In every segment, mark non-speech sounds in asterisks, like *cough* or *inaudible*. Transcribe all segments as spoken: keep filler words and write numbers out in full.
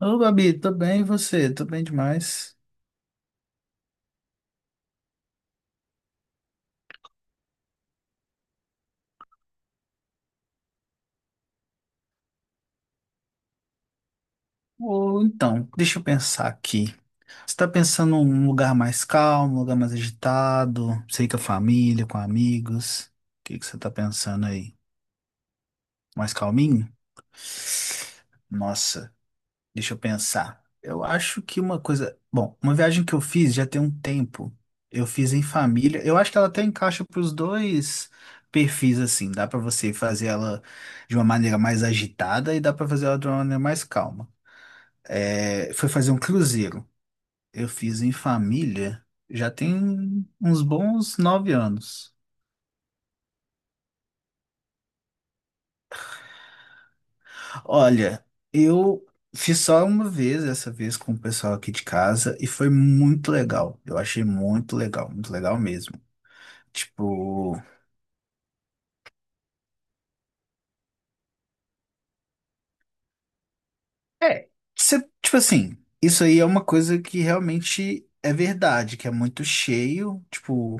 Ô, Gabi, tô bem, e você? Tô bem demais. Ou então, deixa eu pensar aqui. Você tá pensando num lugar mais calmo, um lugar mais agitado? Sei que a família, com amigos. O que que você tá pensando aí? Mais calminho? Nossa. Deixa eu pensar. Eu acho que uma coisa. Bom, uma viagem que eu fiz já tem um tempo. Eu fiz em família. Eu acho que ela até encaixa para os dois perfis, assim. Dá para você fazer ela de uma maneira mais agitada e dá para fazer ela de uma maneira mais calma. É, foi fazer um cruzeiro. Eu fiz em família já tem uns bons nove anos. Olha, eu fiz só uma vez, essa vez com o pessoal aqui de casa, e foi muito legal. Eu achei muito legal, muito legal mesmo. Tipo, é, cê- tipo assim, isso aí é uma coisa que realmente é verdade, que é muito cheio. Tipo,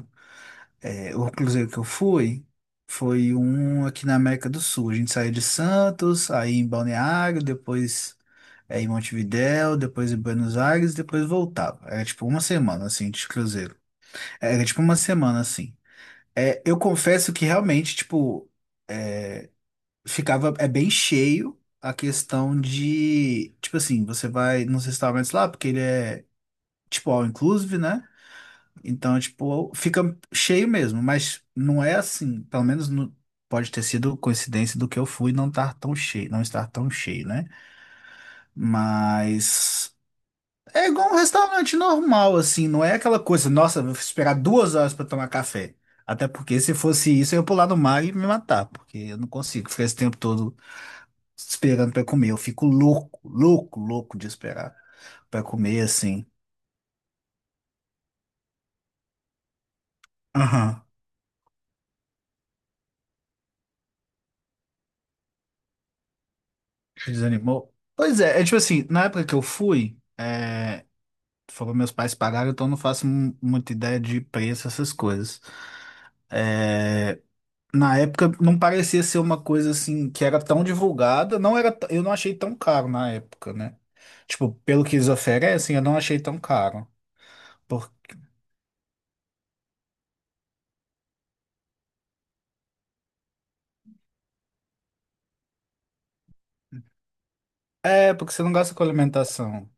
é, o cruzeiro que eu fui foi um aqui na América do Sul. A gente saiu de Santos, aí em Balneário, depois é, em Montevidéu, depois em Buenos Aires, depois voltava. Era tipo uma semana assim de cruzeiro. É, tipo uma semana, assim. É, eu confesso que realmente, tipo, é, ficava, é bem cheio a questão de, tipo assim, você vai nos restaurantes lá, porque ele é, tipo, all inclusive, né? Então, tipo, fica cheio mesmo, mas não é assim, pelo menos no- pode ter sido coincidência do que eu fui não estar tão cheio, não estar tão cheio, né? Mas é igual um restaurante normal, assim, não é aquela coisa, nossa, vou esperar duas horas pra tomar café. Até porque se fosse isso, eu ia pular no mar e me matar, porque eu não consigo ficar esse tempo todo esperando pra comer. Eu fico louco, louco, louco de esperar pra comer, assim. Aham. Te desanimou? Pois é, é tipo assim, na época que eu fui, é, foram meus pais pagaram, então eu não faço mu- muita ideia de preço, essas coisas. É, na época não parecia ser uma coisa assim que era tão divulgada, não era, t- eu não achei tão caro na época, né? Tipo, pelo que eles oferecem, eu não achei tão caro. Por- É, porque você não gasta com alimentação.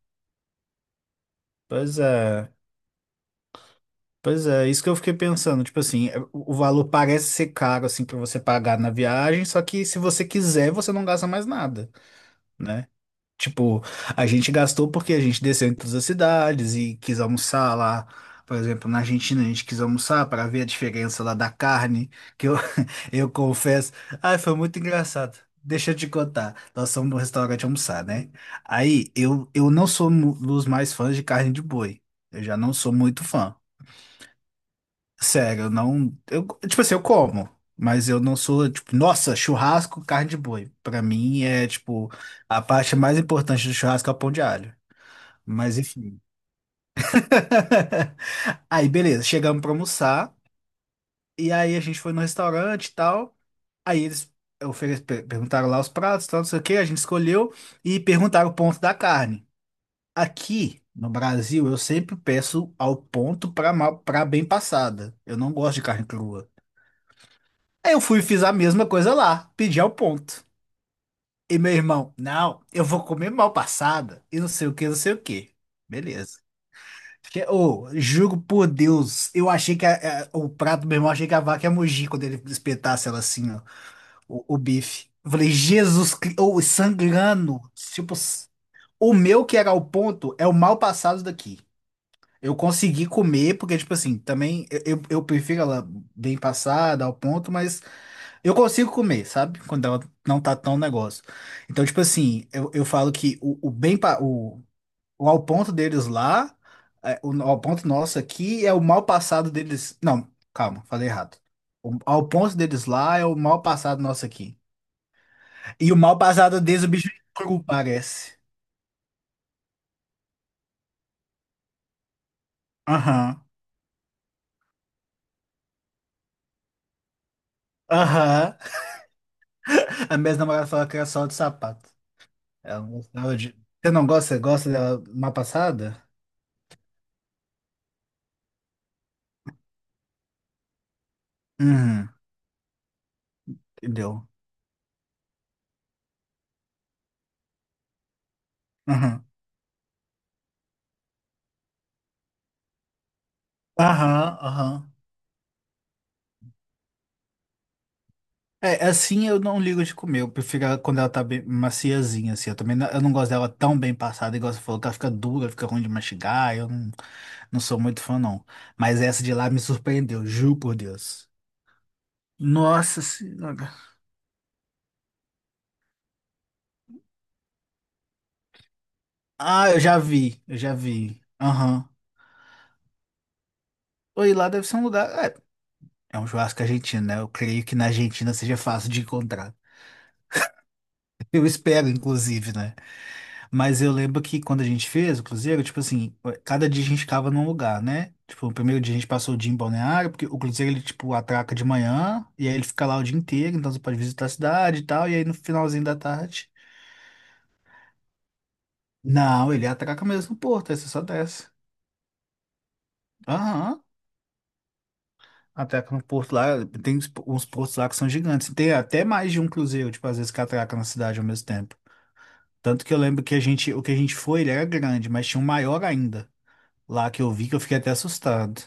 Pois é. Pois é, isso que eu fiquei pensando, tipo assim, é, o o valor parece ser caro assim para você pagar na viagem, só que se você quiser, você não gasta mais nada, né? Tipo, a gente gastou porque a gente desceu em todas as cidades e quis almoçar lá. Por exemplo, na Argentina a gente quis almoçar para ver a diferença lá da carne, que eu, *laughs* eu confesso. Ai, foi muito engraçado. Deixa eu te contar. Nós fomos no restaurante almoçar, né? Aí eu, eu não sou um dos mais fãs de carne de boi. Eu já não sou muito fã. Sério, eu não. Eu, tipo assim, eu como, mas eu não sou, tipo, nossa, churrasco, carne de boi. Pra mim é, tipo, a parte mais importante do churrasco é o pão de alho. Mas enfim. *laughs* Aí, beleza, chegamos pra almoçar. E aí a gente foi no restaurante e tal. Aí eles ofere- per- perguntaram lá os pratos, tal, não sei o que, a gente escolheu e perguntaram o ponto da carne. Aqui no Brasil, eu sempre peço ao ponto pra, mal- pra bem passada. Eu não gosto de carne crua. Aí eu fui e fiz a mesma coisa lá, pedi ao ponto. E meu irmão, não, eu vou comer mal passada e não sei o que, não sei o que. Beleza. Fiquei- Ô, juro por Deus, eu achei que a- a- o prato do meu irmão, achei que a vaca ia mugir quando ele espetasse ela assim, ó, o, o bife. Eu falei, Jesus Cristo, ô, sangrando. Tipo, s- o meu que era o ponto é o mal passado daqui. Eu consegui comer, porque, tipo assim, também eu, eu eu prefiro ela bem passada, ao ponto, mas. Eu consigo comer, sabe? Quando ela não tá tão negócio. Então, tipo assim, eu, eu falo que o, o bem, pa- o, o ao ponto deles lá, é, o ao ponto nosso aqui é o mal passado deles. Não, calma, falei errado. O ao ponto deles lá é o mal passado nosso aqui. E o mal passado deles, o bicho é cru, parece. Aham, aham. A minha namorada falou que era só de sapato. Ela não gostava de. Você não gosta? Você gosta dela mal passada? Uhum, entendeu? Aham, aham, aham. É, assim eu não ligo de comer. Eu prefiro ela quando ela tá bem maciazinha, assim. Eu também não, eu não gosto dela tão bem passada, igual você falou, que ela fica dura, fica ruim de mastigar. Eu não, não sou muito fã, não. Mas essa de lá me surpreendeu, juro por Deus. Nossa senhora. Ah, eu já vi, eu já vi. Aham. Oi, lá deve ser um lugar. É, é um churrasco argentino, né? Eu creio que na Argentina seja fácil de encontrar. Eu espero, inclusive, né? Mas eu lembro que quando a gente fez o cruzeiro, tipo assim, eh, cada dia a gente ficava num lugar, né? Tipo, o primeiro dia a gente passou o dia em Balneário, porque o cruzeiro ele, tipo, atraca de manhã, e aí ele fica lá o dia inteiro, então você pode visitar a cidade e tal, e aí no finalzinho da tarde. Não, ele atraca mesmo no porto, aí você só desce. Aham. Atraca no porto lá, tem uns uns portos lá que são gigantes. Tem até mais de um cruzeiro, tipo, às vezes que atraca na cidade ao mesmo tempo. Tanto que eu lembro que a gente, o que a gente foi, ele era grande, mas tinha um maior ainda, lá que eu vi que eu fiquei até assustado.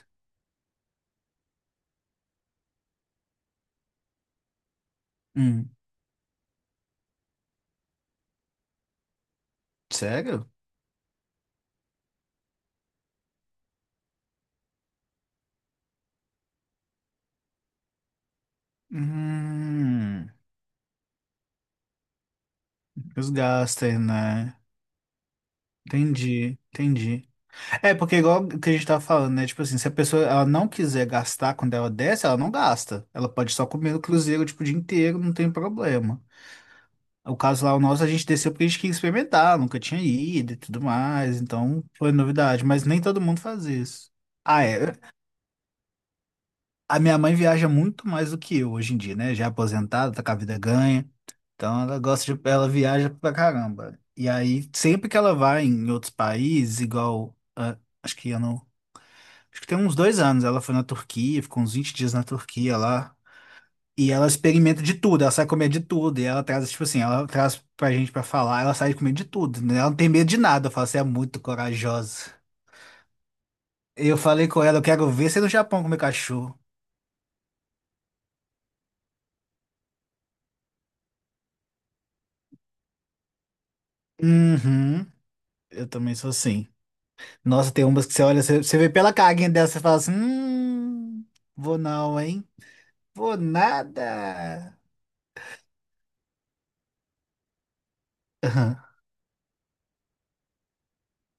Hum. Sério? Hum, os gastos, né? Entendi, entendi. É, porque igual que a gente tava falando, né? Tipo assim, se a pessoa ela não quiser gastar quando ela desce, ela não gasta. Ela pode só comer no cruzeiro, tipo, o dia inteiro, não tem problema. O caso lá, o nosso, a gente desceu porque a gente queria experimentar, nunca tinha ido e tudo mais, então foi novidade, mas nem todo mundo faz isso. Ah, é. A minha mãe viaja muito mais do que eu hoje em dia, né? Já é aposentada, tá com a vida ganha. Então ela gosta de, ela viaja pra caramba. E aí, sempre que ela vai em outros países, igual, ah, acho que ano, acho que tem uns dois anos, ela foi na Turquia, ficou uns vinte dias na Turquia lá. E ela experimenta de tudo, ela sai comer de tudo. E ela traz, tipo assim, ela traz pra gente pra falar, ela sai comer de tudo, né? Ela não tem medo de nada. Eu falo, você é muito corajosa. Eu falei com ela, eu quero ver você no Japão comer cachorro. Uhum, eu também sou assim. Nossa, tem umas que você olha, você, você vê pela caguinha dela, você fala assim, hum, vou não, hein? Vou nada. Aham,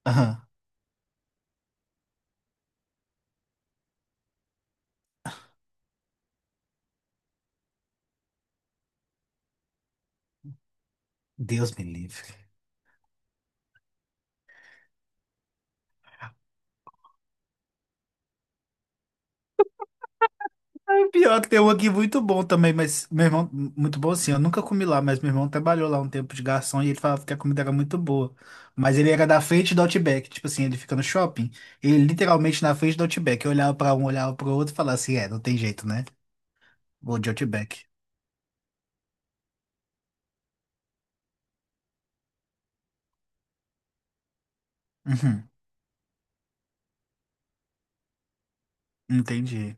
aham. Deus me livre. O pior é que tem um aqui muito bom também, mas meu irmão, muito bom assim, eu nunca comi lá, mas meu irmão trabalhou lá um tempo de garçom e ele falava que a comida era muito boa. Mas ele era da frente do Outback, tipo assim, ele fica no shopping, ele literalmente na frente do Outback. Eu olhava pra um, olhava pro outro e falava assim, é, não tem jeito, né? Vou de Outback. Uhum, entendi.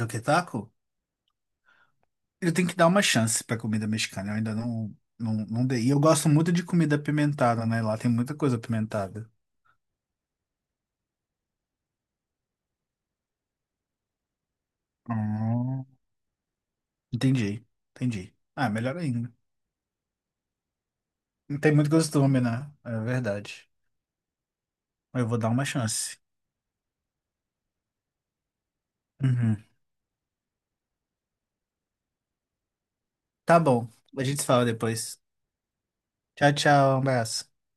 Do que taco? Eu tenho que dar uma chance pra comida mexicana. Eu ainda não, não, não dei. E eu gosto muito de comida apimentada, né? Lá tem muita coisa apimentada. Hum. Entendi, entendi. Ah, melhor ainda. Não tem muito costume, né? É verdade. Eu vou dar uma chance. Uhum. Tá bom. A gente se fala depois. Tchau, tchau. Um abraço.